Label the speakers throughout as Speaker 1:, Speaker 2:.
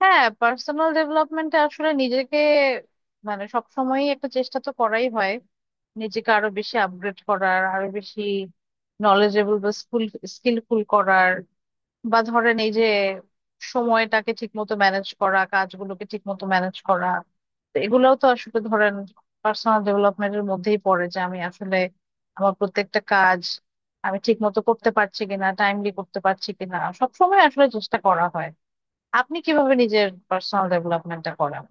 Speaker 1: হ্যাঁ, পার্সোনাল ডেভেলপমেন্টে আসলে নিজেকে মানে সব সময়ই একটা চেষ্টা তো করাই হয়, নিজেকে আরো বেশি আপগ্রেড করার, আরো বেশি নলেজেবল বা স্কিলফুল করার। বা ধরেন এই যে সময়টাকে ঠিক মতো ম্যানেজ করা, কাজগুলোকে ঠিক মতো ম্যানেজ করা। তো এগুলোও তো আসলে ধরেন পার্সোনাল ডেভেলপমেন্টের মধ্যেই পড়ে, যে আমি আসলে আমার প্রত্যেকটা কাজ আমি ঠিক মতো করতে পারছি কিনা, টাইমলি করতে পারছি কিনা, সব সময় আসলে চেষ্টা করা হয়। আপনি কিভাবে নিজের পার্সোনাল ডেভেলপমেন্টটা করেন?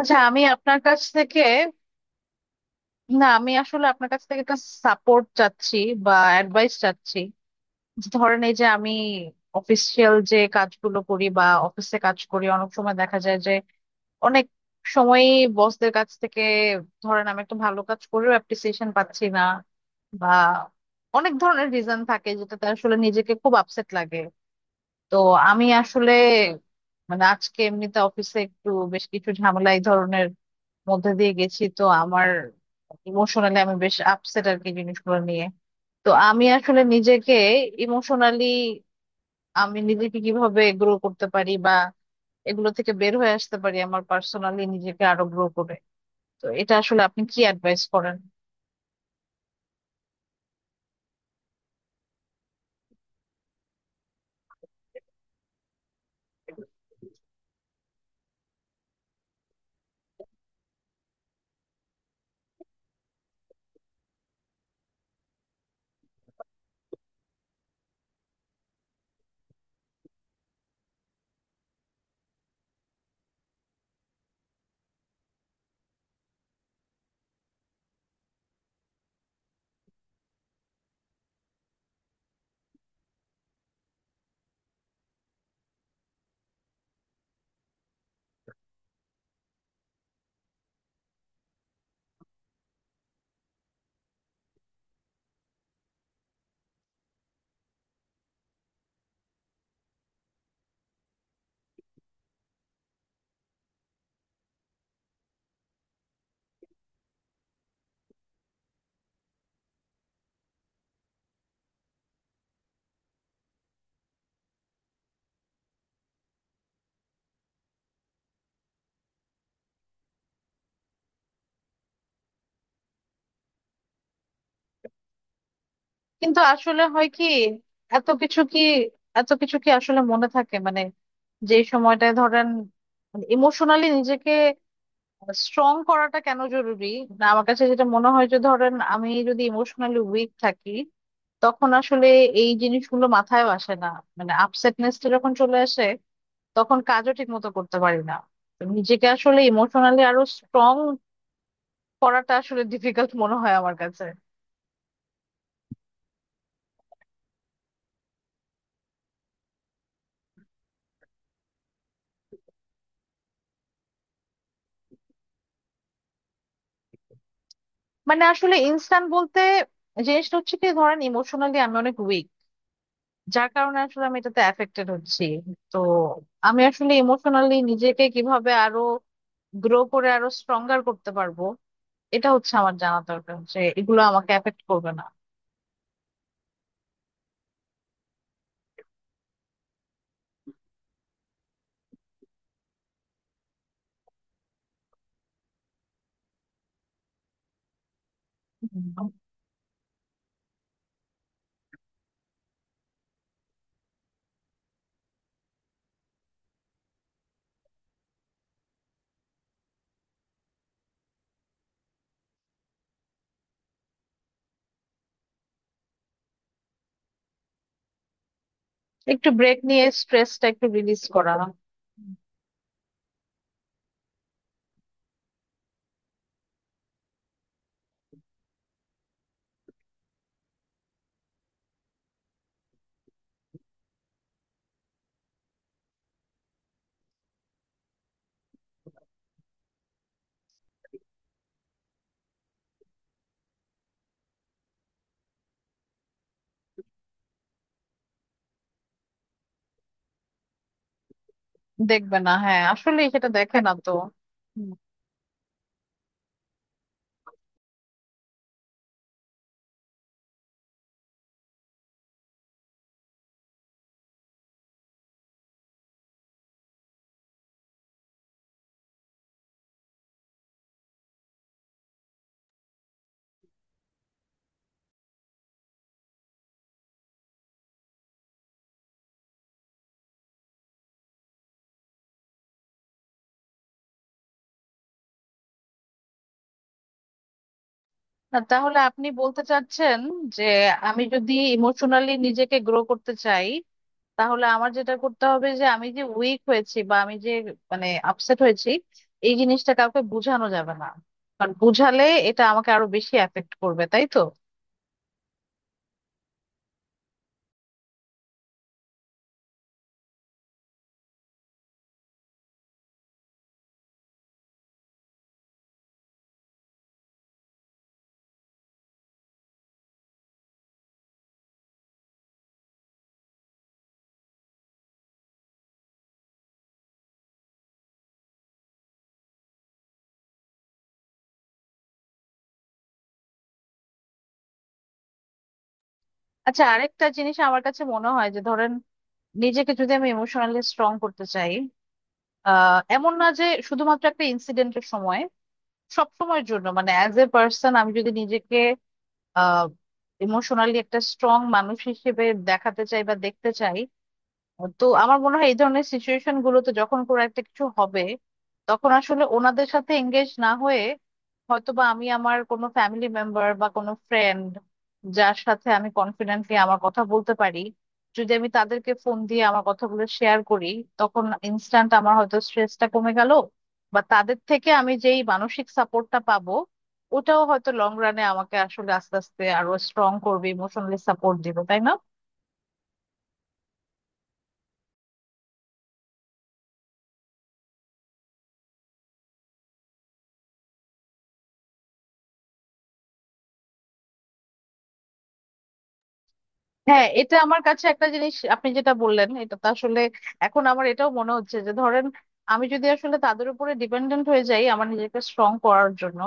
Speaker 1: আচ্ছা, আমি আপনার কাছ থেকে, না আমি আসলে আপনার কাছ থেকে একটা সাপোর্ট চাচ্ছি বা অ্যাডভাইস চাচ্ছি। যে ধরেন এই যে আমি অফিসিয়াল যে কাজগুলো করি বা অফিসে কাজ করি, অনেক সময় দেখা যায় যে অনেক সময়ই বসদের কাছ থেকে, ধরেন আমি একটা ভালো কাজ করেও অ্যাপ্রিসিয়েশন পাচ্ছি না, বা অনেক ধরনের রিজন থাকে যেটাতে আসলে নিজেকে খুব আপসেট লাগে। তো আমি আসলে মানে আজকে এমনিতে অফিসে একটু বেশ কিছু ঝামেলা এই ধরনের মধ্যে দিয়ে গেছি, তো আমার ইমোশনালি আমি বেশ আপসেট আর কি জিনিসগুলো নিয়ে। তো আমি আসলে নিজেকে ইমোশনালি আমি নিজেকে কিভাবে গ্রো করতে পারি বা এগুলো থেকে বের হয়ে আসতে পারি, আমার পার্সোনালি নিজেকে আরো গ্রো করে। তো এটা আসলে আপনি কি অ্যাডভাইস করেন? কিন্তু আসলে হয় কি, এত কিছু কি এত কিছু কি আসলে মনে থাকে? মানে যে সময়টায় ধরেন ইমোশনালি নিজেকে স্ট্রং করাটা কেন জরুরি? না, আমার কাছে যেটা মনে হয় যে ধরেন আমি যদি ইমোশনালি উইক থাকি, তখন আসলে এই জিনিসগুলো মাথায় আসে না। মানে আপসেটনেসটা যখন চলে আসে, তখন কাজও ঠিক মতো করতে পারি না। তো নিজেকে আসলে ইমোশনালি আরো স্ট্রং করাটা আসলে ডিফিকাল্ট মনে হয় আমার কাছে। মানে আসলে ইনস্ট্যান্ট বলতে জিনিসটা হচ্ছে কি, ধরেন ইমোশনালি আমি অনেক উইক, যার কারণে আসলে আমি এটাতে অ্যাফেক্টেড হচ্ছি। তো আমি আসলে ইমোশনালি নিজেকে কিভাবে আরো গ্রো করে আরো স্ট্রঙ্গার করতে পারবো, এটা হচ্ছে আমার জানা দরকার, যে এগুলো আমাকে এফেক্ট করবে না। একটু ব্রেক নিয়ে স্ট্রেসটা একটু রিলিজ করা। দেখবে না, হ্যাঁ আসলে সেটা দেখে না তো। হুম। না, তাহলে আপনি বলতে চাচ্ছেন যে আমি যদি ইমোশনালি নিজেকে গ্রো করতে চাই, তাহলে আমার যেটা করতে হবে যে আমি যে উইক হয়েছি বা আমি যে মানে আপসেট হয়েছি, এই জিনিসটা কাউকে বোঝানো যাবে না, কারণ বোঝালে এটা আমাকে আরো বেশি এফেক্ট করবে, তাই তো? আচ্ছা, আরেকটা জিনিস আমার কাছে মনে হয় যে ধরেন নিজেকে যদি আমি ইমোশনালি স্ট্রং করতে চাই, এমন না যে শুধুমাত্র একটা ইনসিডেন্টের সময়, সব সময়ের জন্য মানে অ্যাজ এ পার্সন আমি যদি নিজেকে আহ ইমোশনালি একটা স্ট্রং মানুষ হিসেবে দেখাতে চাই বা দেখতে চাই। তো আমার মনে হয় এই ধরনের সিচুয়েশন গুলোতে যখন কোনো একটা কিছু হবে, তখন আসলে ওনাদের সাথে এঙ্গেজ না হয়ে হয়তোবা আমি আমার কোনো ফ্যামিলি মেম্বার বা কোনো ফ্রেন্ড যার সাথে আমি কনফিডেন্টলি আমার কথা বলতে পারি, যদি আমি তাদেরকে ফোন দিয়ে আমার কথাগুলো শেয়ার করি, তখন ইনস্ট্যান্ট আমার হয়তো স্ট্রেসটা কমে গেল। বা তাদের থেকে আমি যেই মানসিক সাপোর্টটা পাবো, ওটাও হয়তো লং রানে আমাকে আসলে আস্তে আস্তে আরো স্ট্রং করবে, ইমোশনালি সাপোর্ট দিবে, তাই না? হ্যাঁ, এটা আমার কাছে একটা জিনিস, আপনি যেটা বললেন এটা তো আসলে এখন আমার এটাও মনে হচ্ছে যে ধরেন আমি যদি আসলে তাদের উপরে ডিপেন্ডেন্ট হয়ে যাই আমার নিজেকে স্ট্রং করার জন্য,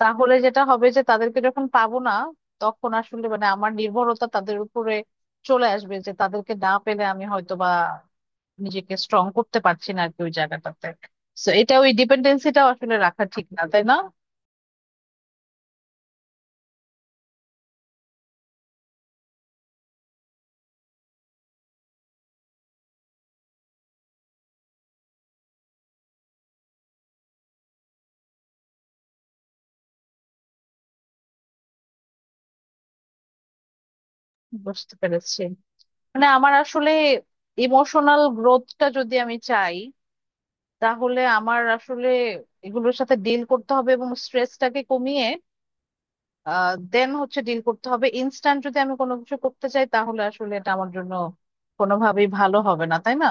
Speaker 1: তাহলে যেটা হবে যে তাদেরকে যখন পাবো না, তখন আসলে মানে আমার নির্ভরতা তাদের উপরে চলে আসবে, যে তাদেরকে না পেলে আমি হয়তো বা নিজেকে স্ট্রং করতে পারছি না আর কি ওই জায়গাটাতে। তো এটা ওই ডিপেন্ডেন্সিটাও আসলে রাখা ঠিক না, তাই না? বুঝতে পেরেছি। মানে আমার আসলে ইমোশনাল গ্রোথটা যদি আমি চাই, তাহলে আমার আসলে এগুলোর সাথে ডিল করতে হবে এবং স্ট্রেসটাকে কমিয়ে দেন হচ্ছে ডিল করতে হবে। ইনস্ট্যান্ট যদি আমি কোনো কিছু করতে চাই তাহলে আসলে এটা আমার জন্য কোনোভাবেই ভালো হবে না, তাই না?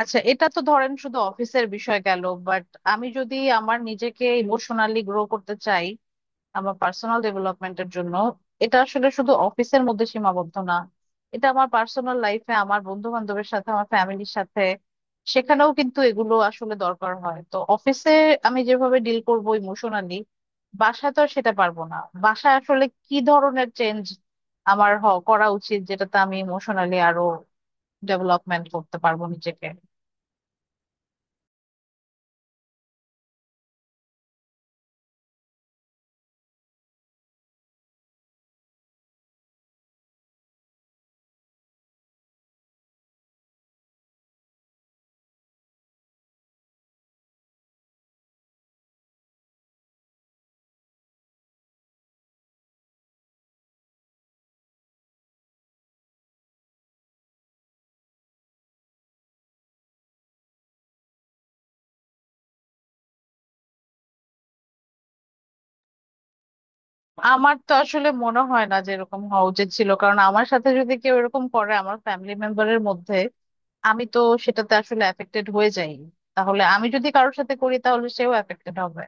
Speaker 1: আচ্ছা, এটা তো ধরেন শুধু অফিসের বিষয় গেল, বাট আমি যদি আমার নিজেকে ইমোশনালি গ্রো করতে চাই আমার পার্সোনাল ডেভেলপমেন্টের জন্য, এটা আসলে শুধু অফিসের মধ্যে সীমাবদ্ধ না। এটা আমার পার্সোনাল লাইফে, আমার বন্ধু বান্ধবের সাথে, আমার ফ্যামিলির সাথে সেখানেও কিন্তু এগুলো আসলে দরকার হয়। তো অফিসে আমি যেভাবে ডিল করব ইমোশনালি, বাসায় তো আর সেটা পারবো না। বাসায় আসলে কি ধরনের চেঞ্জ আমার হ করা উচিত যেটাতে আমি ইমোশনালি আরো ডেভেলপমেন্ট করতে পারবো নিজেকে? আমার তো আসলে মনে হয় না যে এরকম হওয়া উচিত ছিল, কারণ আমার সাথে যদি কেউ এরকম করে আমার ফ্যামিলি মেম্বারের মধ্যে, আমি তো সেটাতে আসলে এফেক্টেড হয়ে যাই। তাহলে আমি যদি কারোর সাথে করি, তাহলে সেও এফেক্টেড হবে।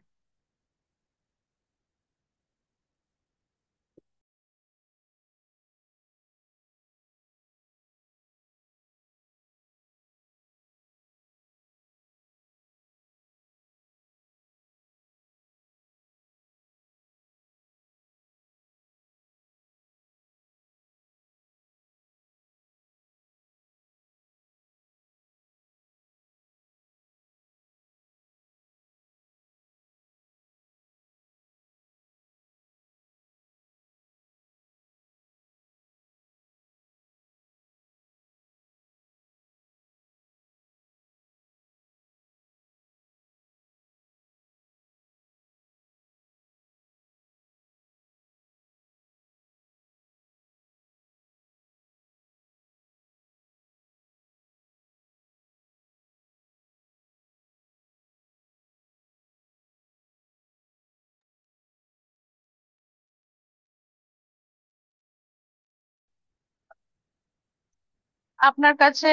Speaker 1: আপনার কাছে,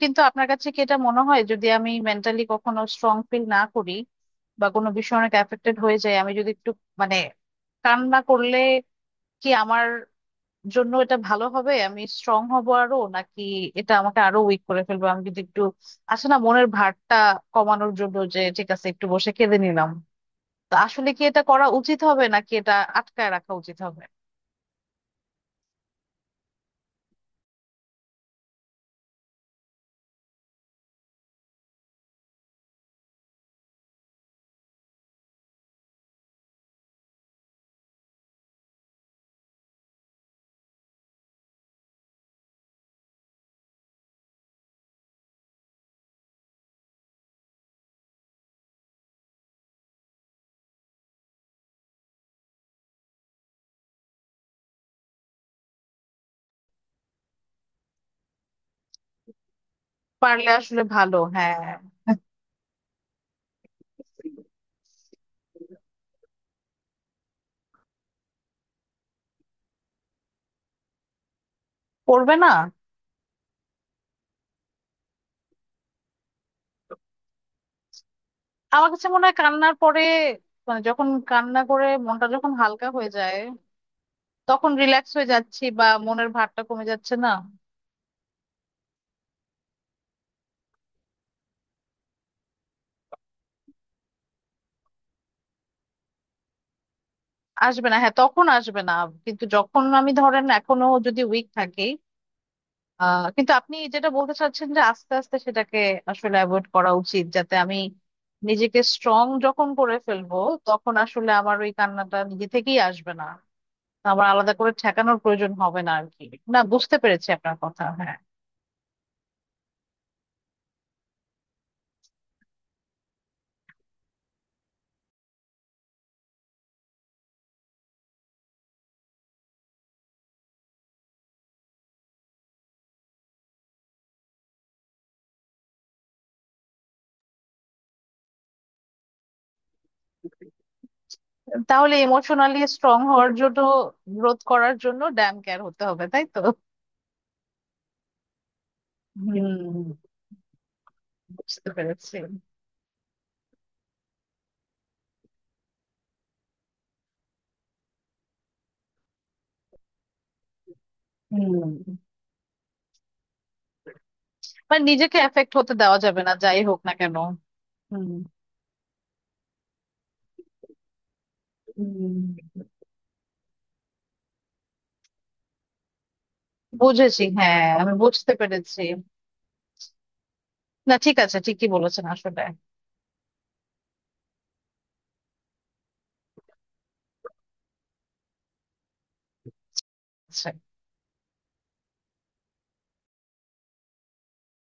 Speaker 1: কিন্তু আপনার কাছে কি এটা মনে হয় যদি আমি মেন্টালি কখনো স্ট্রং ফিল না করি বা কোনো বিষয়ে অনেক এফেক্টেড হয়ে যায়, আমি যদি একটু মানে কান্না করলে কি আমার জন্য এটা ভালো হবে, আমি স্ট্রং হব আরো, নাকি এটা আমাকে আরো উইক করে ফেলবে? আমি যদি একটু, আছে না, মনের ভারটা কমানোর জন্য যে ঠিক আছে একটু বসে কেঁদে নিলাম, তো আসলে কি এটা করা উচিত হবে, নাকি এটা আটকায় রাখা উচিত হবে? পারলে আসলে ভালো, হ্যাঁ। করবে না। আমার কাছে মনে হয় কান্নার পরে মানে যখন কান্না করে মনটা যখন হালকা হয়ে যায়, তখন রিল্যাক্স হয়ে যাচ্ছি বা মনের ভারটা কমে যাচ্ছে না? আসবে না, হ্যাঁ তখন আসবে না। কিন্তু যখন আমি ধরেন এখনো যদি উইক থাকি, কিন্তু আপনি যেটা বলতে চাচ্ছেন যে আস্তে আস্তে সেটাকে আসলে অ্যাভয়েড করা উচিত, যাতে আমি নিজেকে স্ট্রং যখন করে ফেলবো, তখন আসলে আমার ওই কান্নাটা নিজে থেকেই আসবে না, আমার আলাদা করে ঠেকানোর প্রয়োজন হবে না আর কি। না, বুঝতে পেরেছি আপনার কথা, হ্যাঁ। তাহলে ইমোশনালি স্ট্রং হওয়ার জন্য, গ্রোথ করার জন্য ড্যাম কেয়ার হতে হবে, তাই তো? হুম, বুঝতে পেরেছি। হুম, মানে নিজেকে এফেক্ট হতে দেওয়া যাবে না যাই হোক না কেন। হুম। হুম, বুঝেছি, হ্যাঁ আমি বুঝতে পেরেছি। না ঠিক আছে, ঠিকই বলেছেন আসলে। আচ্ছা।